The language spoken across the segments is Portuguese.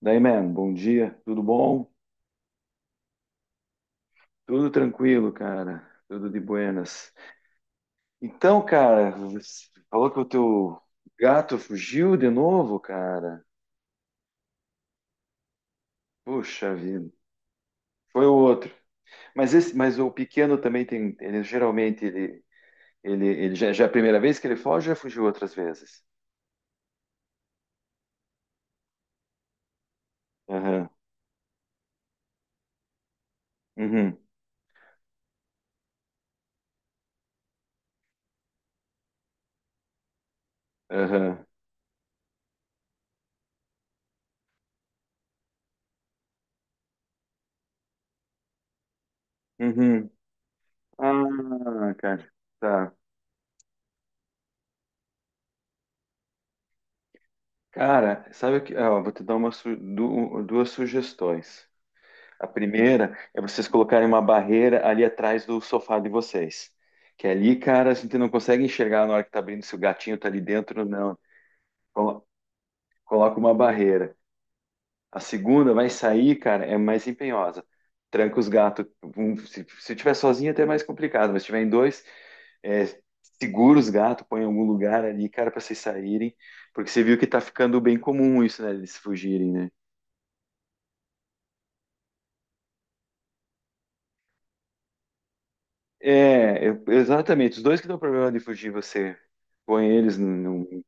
Daí, man, bom dia, tudo bom? Tudo tranquilo, cara, tudo de buenas. Então, cara, você falou que o teu gato fugiu de novo, cara. Puxa vida, foi o outro. Mas o pequeno também tem, ele, ele já é a primeira vez que ele foge, ou já fugiu outras vezes. Aham, uhum, aham, uhum. Ah, cara, tá. Cara, sabe o que? Ah, ó, vou te dar duas sugestões. A primeira é vocês colocarem uma barreira ali atrás do sofá de vocês. Que é ali, cara, a gente não consegue enxergar na hora que tá abrindo se o gatinho tá ali dentro ou não. Colo- Coloca uma barreira. A segunda vai sair, cara, é mais empenhosa. Tranca os gatos. Se tiver sozinho, até é mais complicado, mas se tiver em dois, é, segura os gatos, põe em algum lugar ali, cara, para vocês saírem. Porque você viu que tá ficando bem comum isso, né? Eles fugirem, né? É, exatamente. Os dois que dão problema de fugir, você põe eles num.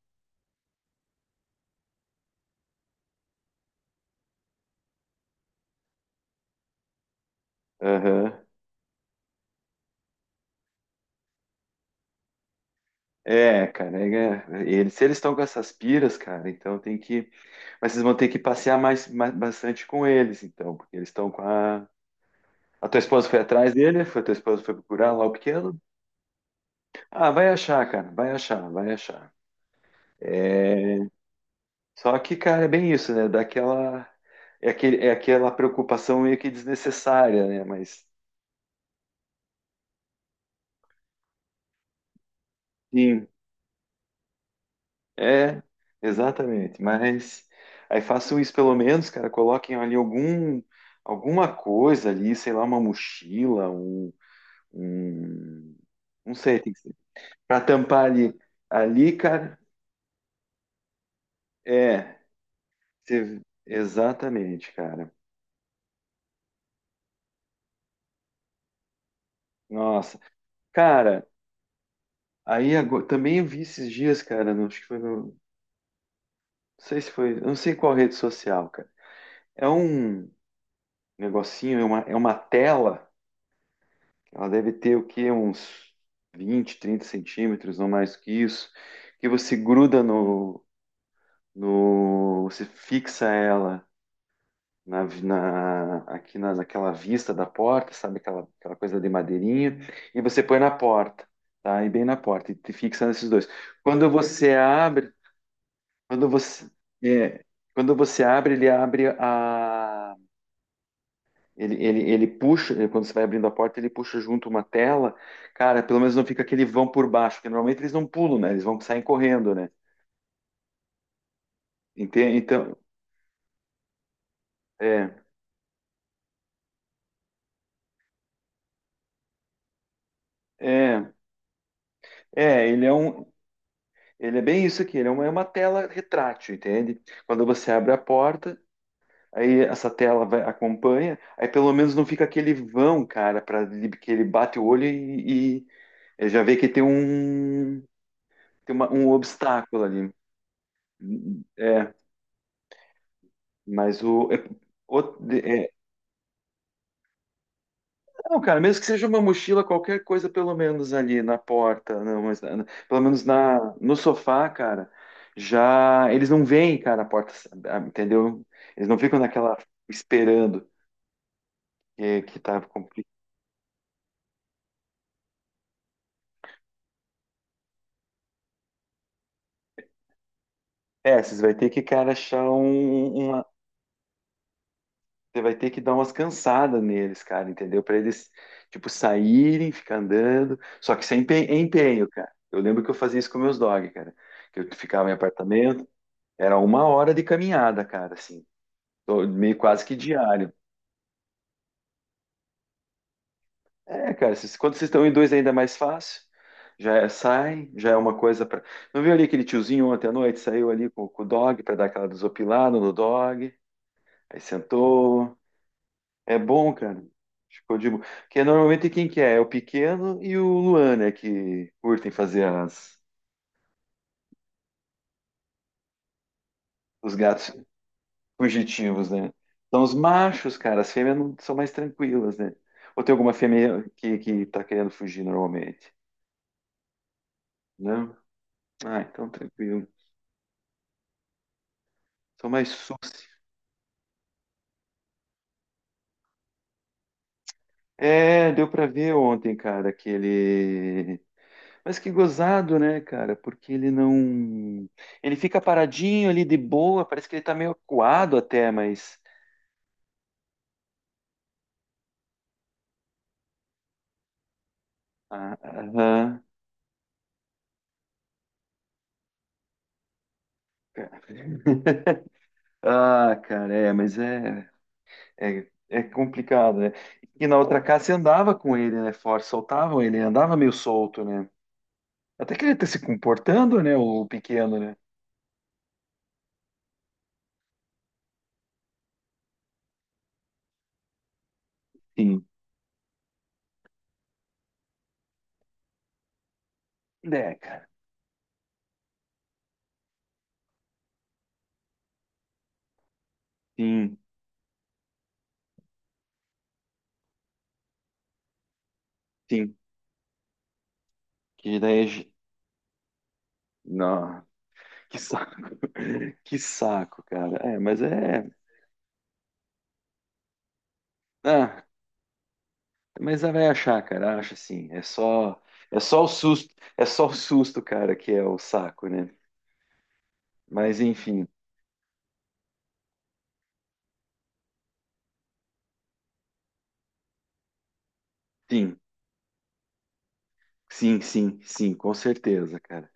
Aham. É, cara. Se eles estão com essas piras, cara, então tem que. Mas vocês vão ter que passear bastante com eles, então, porque eles estão com a. A tua esposa foi atrás dele? Foi, a tua esposa foi procurar lá o pequeno? Ah, vai achar, cara. Vai achar, vai achar. É, só que, cara, é bem isso, né? Daquela. É aquela preocupação meio que desnecessária, né? Mas. Sim, é, exatamente. Mas aí façam isso pelo menos, cara. Coloquem ali alguma coisa ali, sei lá, uma mochila, um, não sei, tem que ser. Para tampar ali, ali, cara. É, exatamente, cara. Nossa, cara. Aí agora, também eu vi esses dias, cara. Acho que foi no, não sei se foi, eu não sei qual rede social, cara. É um negocinho, é uma tela. Ela deve ter o quê? Uns 20-30 centímetros, não mais que isso. Que você fixa ela aqui naquela vista da porta, sabe aquela coisa de madeirinha, e você põe na porta, tá? E bem na porta e te fixa nesses dois. Quando você abre, quando você, é, quando você abre, ele abre a Ele, ele, ele puxa, quando você vai abrindo a porta, ele puxa junto uma tela. Cara, pelo menos não fica aquele vão por baixo, porque normalmente eles não pulam, né? Eles vão sair correndo, né? Entende? Então, é, é, ele é bem isso aqui, ele é uma tela retrátil, entende? Quando você abre a porta, aí essa tela vai, acompanha, aí pelo menos não fica aquele vão, cara, para que ele bate o olho e já vê que tem um obstáculo ali. É, Mas o, é- o- é- não, cara, mesmo que seja uma mochila, qualquer coisa, pelo menos ali na porta, não, mas no sofá, cara, já eles não veem, cara, a porta, ah, entendeu? Eles não ficam naquela esperando que tá complicado. É, vocês vai ter que, cara, você vai ter que dar umas cansadas neles, cara, entendeu? Para eles, tipo, saírem, ficar andando, só que sem empenho, cara. Eu lembro que eu fazia isso com meus dog, cara que eu ficava em apartamento. Era uma hora de caminhada, cara, assim. Tô meio quase que diário. É, cara, quando vocês estão em dois é ainda mais fácil. Já é uma coisa pra. Não viu ali aquele tiozinho ontem à noite? Saiu ali com o dog pra dar aquela desopilada no dog. Aí sentou. É bom, cara. Ficou de boa. Porque normalmente quem que é? É o pequeno e o Luan, né? Que curtem fazer os gatos fugitivos, né? Então, os machos, cara, as fêmeas são mais tranquilas, né? Ou tem alguma fêmea que tá querendo fugir normalmente? Não? Ah, então tranquilo. São mais suci. É, deu pra ver ontem, cara, aquele. Mas que gozado, né, cara? Porque ele não. Ele fica paradinho ali de boa, parece que ele tá meio acuado até, mas. Ah, aham. Ah, cara, é, mas é. É complicado, né? E na outra casa você andava com ele, né? Forte, soltavam ele, andava meio solto, né? Até que ele tá se comportando, né? O pequeno, né? Sim. É, cara. Sim, sim. Que daí. Não. Que saco. Que saco, cara. É, mas é. Ah, mas ela vai achar, cara. Acha sim. É só. É só o susto. É só o susto, cara, que é o saco, né? Mas enfim. Sim, sim, sim, sim, com certeza, cara.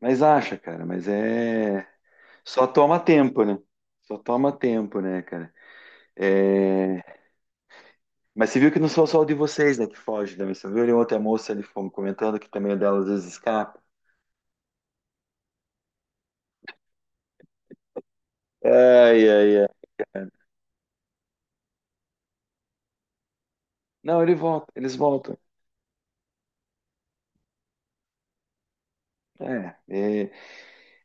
Mas acha, cara, mas é. Só toma tempo, né? Só toma tempo, né, cara? É... Mas você viu que não sou só o de vocês, né, que foge também. Você viu ali ontem a moça ali comentando que também o dela às vezes escapa. Ai, ai, ai. Não, ele volta, eles voltam. É, é,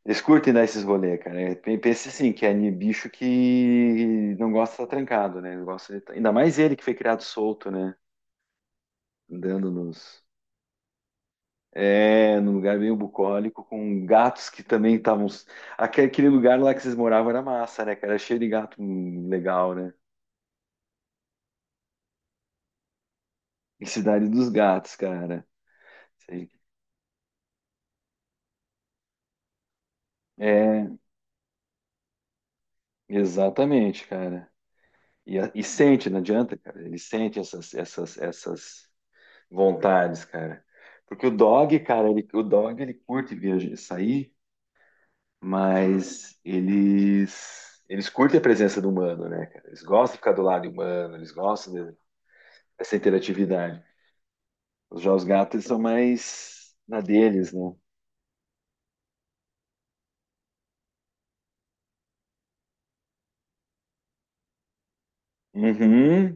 eles curtem dar esses rolê, cara. É, pense assim, que é bicho que não gosta de estar trancado, né? Não gosta de tá- Ainda mais ele que foi criado solto, né? Andando nos. É, num lugar meio bucólico, com gatos que também estavam. Aquele lugar lá que vocês moravam era massa, né, cara? Era cheio de gato legal, né? Em Cidade dos Gatos, cara. Sei. É, exatamente, cara. E sente, não adianta, cara. Ele sente essas vontades, cara. Porque o dog, cara, ele, o dog ele curte viajar, sair, mas eles curtem a presença do humano, né, cara? Eles gostam de ficar do lado humano, eles gostam de, essa interatividade. Os jogos gatos são mais na deles, né? Uhum,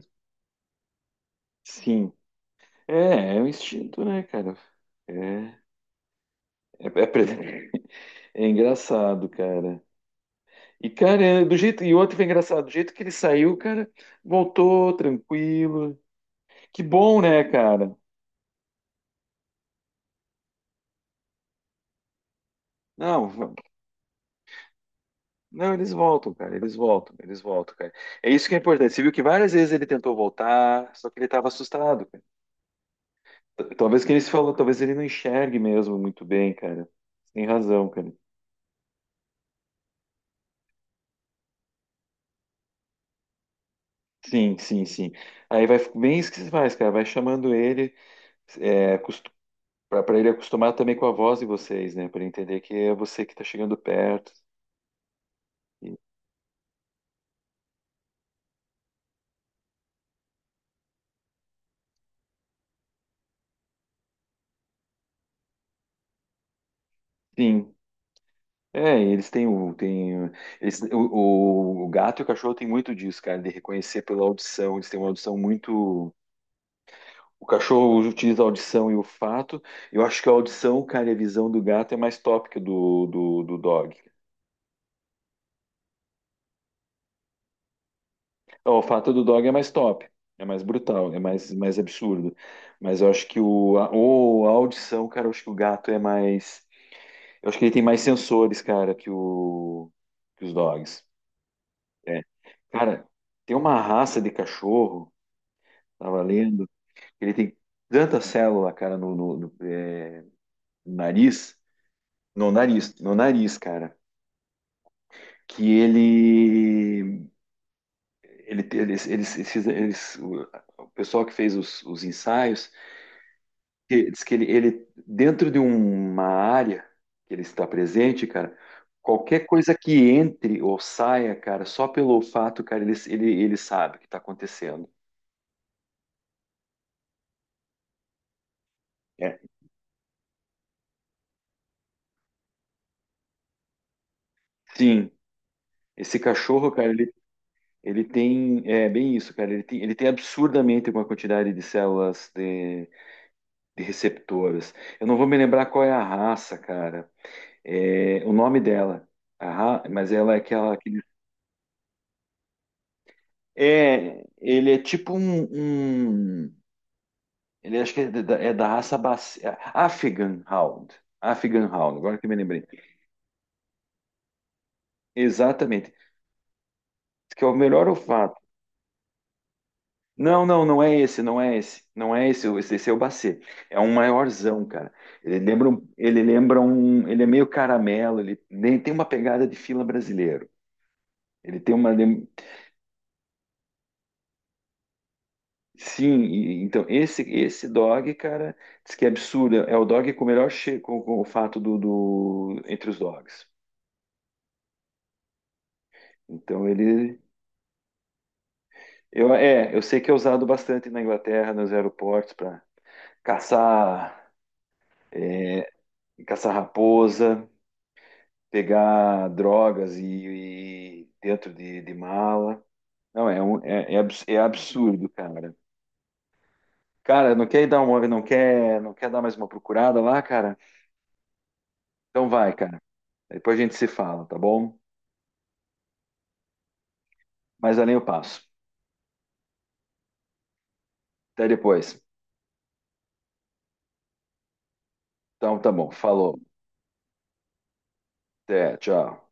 sim. É, é um instinto, né, cara? É, é, é pre- é engraçado, cara. E, cara, é do jeito. E outro foi engraçado, do jeito que ele saiu, cara, voltou tranquilo. Que bom, né, cara? Não, não, eles voltam, cara. Eles voltam, cara. É isso que é importante. Você viu que várias vezes ele tentou voltar, só que ele tava assustado. Talvez que ele se falou, talvez ele não enxergue mesmo muito bem, cara. Tem razão, cara. Sim, sim, sim. Aí vai bem isso que você faz, cara. Vai chamando ele, é, para ele acostumar também com a voz de vocês, né? Para ele entender que é você que tá chegando perto. E- Sim. É, e eles têm o, tem, eles, o gato e o cachorro têm muito disso, cara, de reconhecer pela audição. Eles têm uma audição muito. O cachorro utiliza a audição e o fato. Eu acho que a audição, cara, e a visão do gato é mais top que do dog. O fato do dog é mais top, é mais brutal, é mais absurdo. Mas eu acho que a audição, cara, eu acho que o gato é mais. Eu acho que ele tem mais sensores, cara, que os dogs. É. Cara, tem uma raça de cachorro, tava lendo, que ele tem tanta célula, cara, no nariz, no nariz, cara, que ele, eles- o pessoal que fez os ensaios diz que dentro de uma área que ele está presente, cara, qualquer coisa que entre ou saia, cara, só pelo fato, cara, ele sabe o que está acontecendo. É. Sim, esse cachorro, cara, é bem isso, cara, ele tem absurdamente uma quantidade de células de receptoras. Eu não vou me lembrar qual é a raça, cara, o nome dela, a mas ela é aquela que... É, ele é tipo um, um- Ele acho que é da raça Baci... Afghan Hound. Afghan Hound, agora que me lembrei. Exatamente. Que é o melhor olfato. Não, não, não é esse, não é esse. Não é esse, esse é o Bacê. É um maiorzão, cara. Ele lembra um. Ele é meio caramelo, ele tem uma pegada de fila brasileiro. Ele tem uma. Sim, então esse dog, cara, diz que é absurdo. É o dog com o melhor com o fato entre os dogs. Então ele Eu sei que é usado bastante na Inglaterra, nos aeroportos, para caçar, é, caçar raposa, pegar drogas e dentro de mala. Não, é absurdo, cara. Cara, não quer ir não quer, não quer dar mais uma procurada lá, cara? Então vai, cara. Depois a gente se fala, tá bom? Mas além eu passo. Até depois. Então tá bom. Falou. Até, tchau.